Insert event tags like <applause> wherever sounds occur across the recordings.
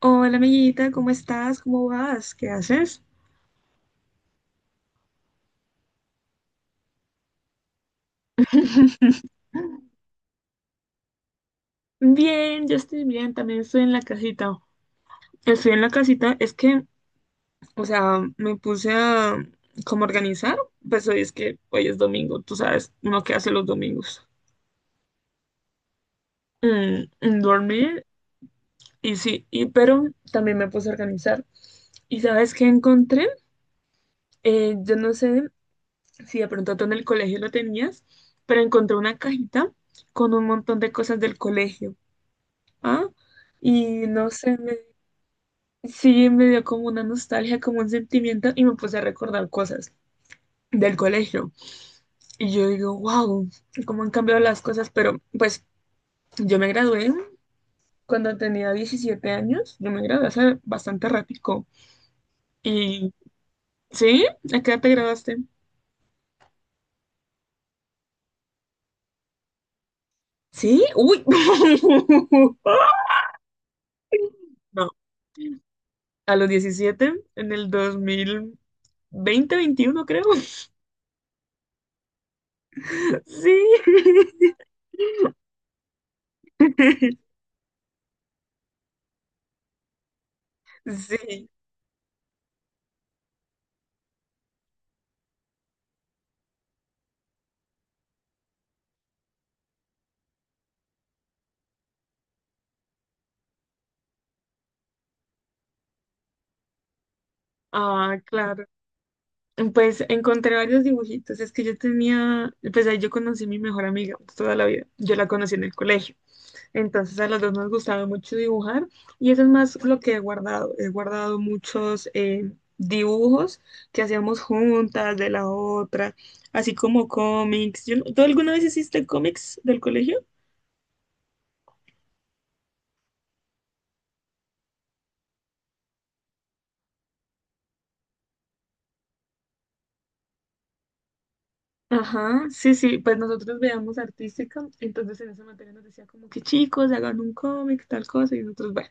Hola amiguita, ¿cómo estás? ¿Cómo vas? ¿Qué haces? <laughs> Bien, yo estoy bien, también estoy en la casita. Estoy en la casita, es que, o sea, me puse a como organizar, pues hoy es que hoy es domingo, tú sabes, uno que hace los domingos. Mm, mm, dormir y sí, y pero también me puse a organizar. ¿Y sabes qué encontré? Yo no sé si de pronto tú en el colegio lo tenías, pero encontré una cajita con un montón de cosas del colegio. Ah, y no sé, sí me dio como una nostalgia, como un sentimiento y me puse a recordar cosas del colegio. Y yo digo, wow, cómo han cambiado las cosas, pero pues yo me gradué cuando tenía 17 años, yo me gradué hace bastante ratico. Y, ¿sí? ¿A qué edad te graduaste? ¿Sí? ¡Uy! <laughs> No, a los 17 en el dos mil veinte veintiuno creo. <laughs> Sí. <laughs> Sí, ah, claro. Pues encontré varios dibujitos. Es que yo tenía, pues ahí yo conocí a mi mejor amiga toda la vida. Yo la conocí en el colegio. Entonces a las dos nos gustaba mucho dibujar y eso es más lo que he guardado. He guardado muchos dibujos que hacíamos juntas de la otra, así como cómics. Yo no- ¿Tú alguna vez hiciste cómics del colegio? Ajá, sí, sí, pues nosotros veíamos artística, entonces en esa materia nos decía como que chicos, hagan un cómic, tal cosa, y nosotros, bueno,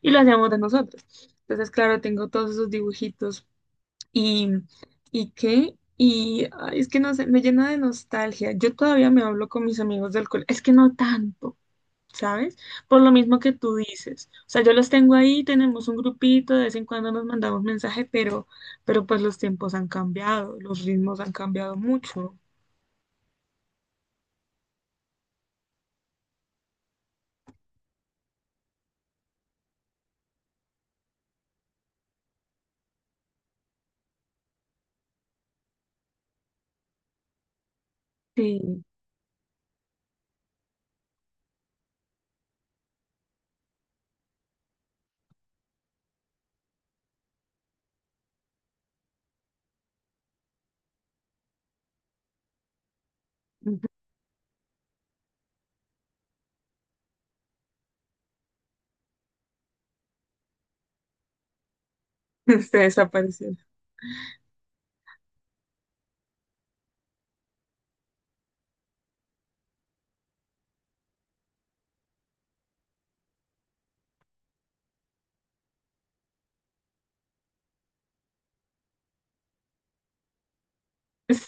y lo hacíamos de nosotros. Entonces, claro, tengo todos esos dibujitos y, ¿y qué? Y ay, es que no sé, me llena de nostalgia. Yo todavía me hablo con mis amigos del colegio, es que no tanto, ¿sabes? Por lo mismo que tú dices. O sea, yo los tengo ahí, tenemos un grupito, de vez en cuando nos mandamos mensaje, pero pues los tiempos han cambiado, los ritmos han cambiado mucho. Sí, <laughs> se desaparecieron.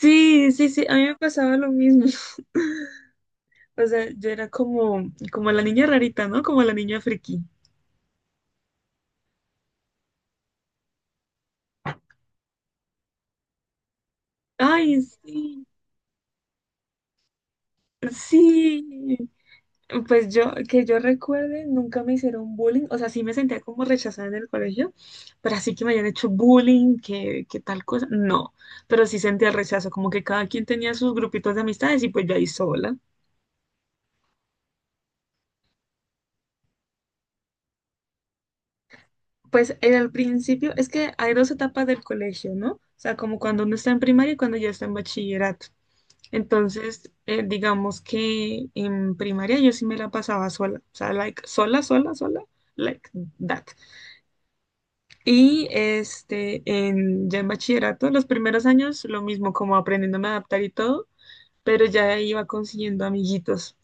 Sí, sí, sí, a mí me pasaba lo mismo. O sea, yo era como, como la niña rarita, ¿no? Como la niña friki. Ay, sí, sí. Pues yo, que yo recuerde, nunca me hicieron bullying. O sea, sí me sentía como rechazada en el colegio, pero así que me hayan hecho bullying, que tal cosa, no. Pero sí sentía el rechazo, como que cada quien tenía sus grupitos de amistades y pues yo ahí sola. Pues en el principio, es que hay dos etapas del colegio, ¿no? O sea, como cuando uno está en primaria y cuando ya está en bachillerato. Entonces, digamos que en primaria yo sí me la pasaba sola, o sea, like, sola, sola, sola, like that. Y este, ya en bachillerato, los primeros años, lo mismo, como aprendiéndome a adaptar y todo, pero ya iba consiguiendo amiguitos.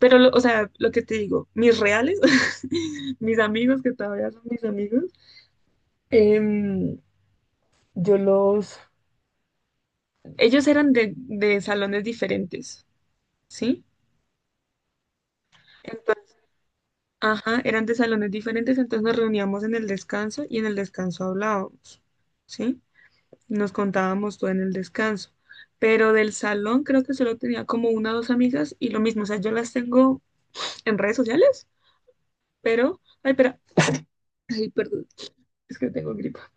Pero, o sea, lo que te digo, mis reales, <laughs> mis amigos, que todavía son mis amigos, em, yo los, ellos eran de salones diferentes, ¿sí? Ajá, eran de salones diferentes, entonces nos reuníamos en el descanso y en el descanso hablábamos, ¿sí? Nos contábamos todo en el descanso. Pero del salón creo que solo tenía como una o dos amigas y lo mismo, o sea, yo las tengo en redes sociales, pero, ay, espera, ay, perdón, es que tengo gripa.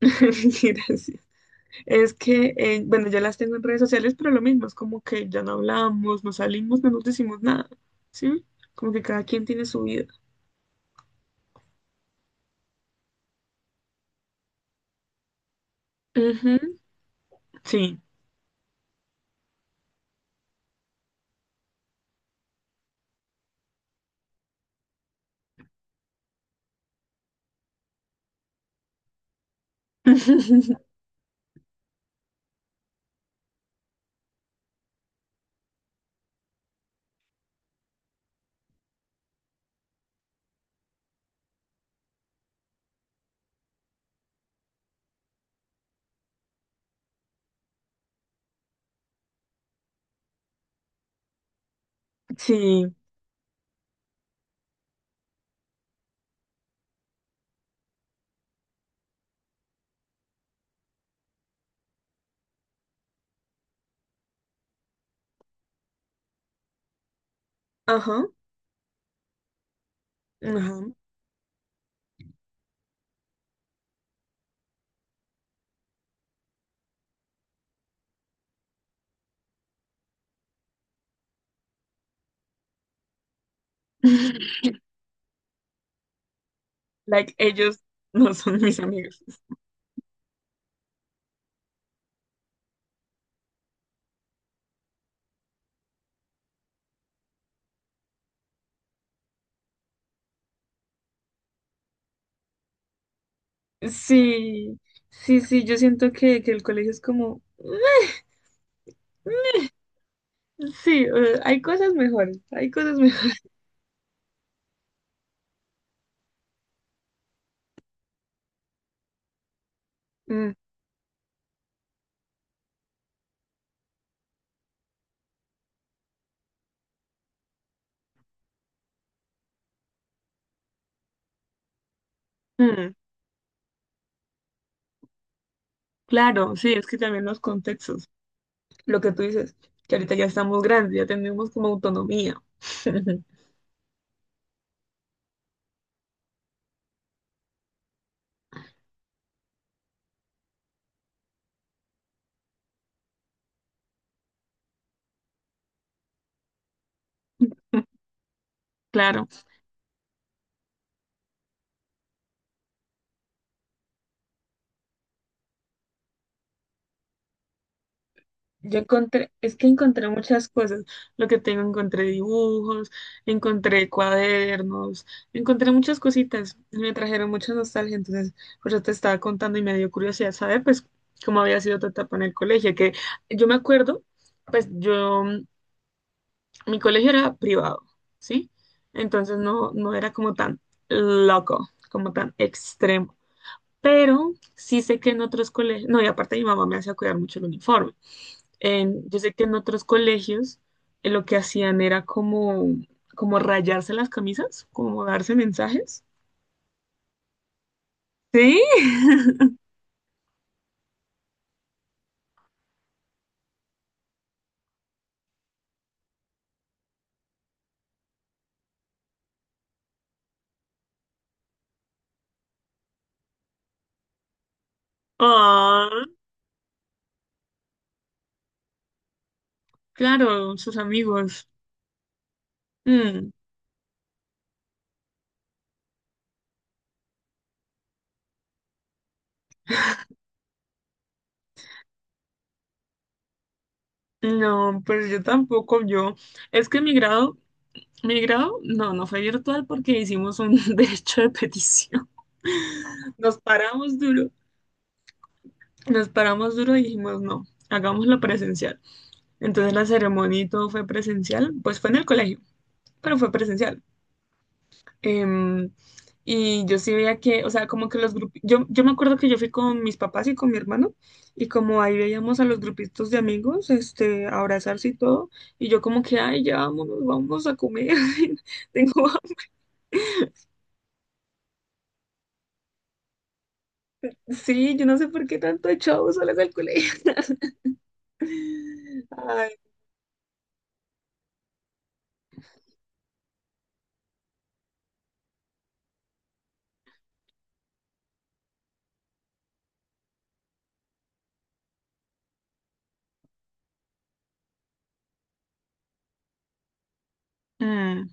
<laughs> Gracias. Es que, bueno, yo las tengo en redes sociales, pero lo mismo, es como que ya no hablamos, no salimos, no nos decimos nada, ¿sí? Como que cada quien tiene su vida. Ujú. Sí. <laughs> Sí. Ajá, ajá. <laughs> Like, ellos no son mis amigos. Sí, sí, sí, yo siento que el colegio es como, sí, hay cosas mejores, hay cosas mejores. <laughs> Mm, mm, claro, sí, es que también los contextos, lo que tú dices, que ahorita ya estamos grandes, ya tenemos como autonomía. <laughs> Claro. Yo encontré, es que encontré muchas cosas. Lo que tengo, encontré dibujos, encontré cuadernos, encontré muchas cositas. Me trajeron mucha nostalgia. Entonces, por eso te estaba contando y me dio curiosidad saber, pues, cómo había sido tu etapa en el colegio. Que yo me acuerdo, pues, yo, mi colegio era privado, ¿sí? Entonces, no, no era como tan loco, como tan extremo. Pero sí sé que en otros colegios, no, y aparte mi mamá me hacía cuidar mucho el uniforme yo sé que en otros colegios lo que hacían era como, como rayarse las camisas, como darse mensajes. Sí. <laughs> Ah, claro, sus amigos. Mm, no, pues yo tampoco, yo. Es que mi grado, no, no fue virtual porque hicimos un <laughs> derecho de petición. Nos paramos duro, nos paramos duro y dijimos, no, hagámoslo presencial. Entonces la ceremonia y todo fue presencial, pues fue en el colegio, pero fue presencial. Em, y yo sí veía que, o sea, como que los grupos, yo me acuerdo que yo fui con mis papás y con mi hermano, y como ahí veíamos a los grupitos de amigos, este, abrazarse y todo, y yo como que, ay, ya vámonos, vamos a comer, <laughs> tengo hambre. Sí, yo no sé por qué tanto echado solas al colegio. <laughs> Ay, mm,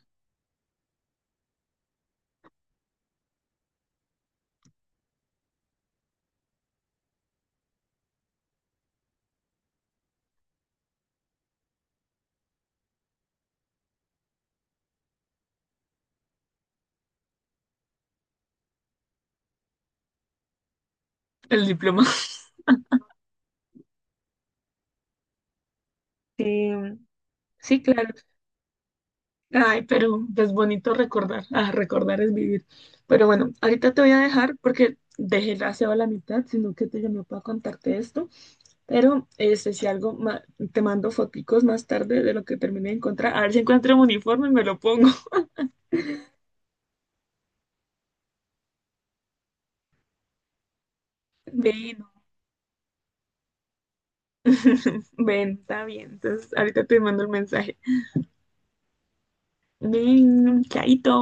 el diploma. Sí, sí, claro. Ay, pero pues bonito recordar. Ah, recordar es vivir. Pero bueno, ahorita te voy a dejar porque dejé el aseo a la mitad, sino que te llamé para contarte esto. Pero este, si algo, te mando foticos más tarde de lo que terminé de encontrar. A ver si encuentro un uniforme y me lo pongo. <laughs> Ven, <laughs> ven, está bien. Entonces, ahorita te mando el mensaje. Ven, chaito.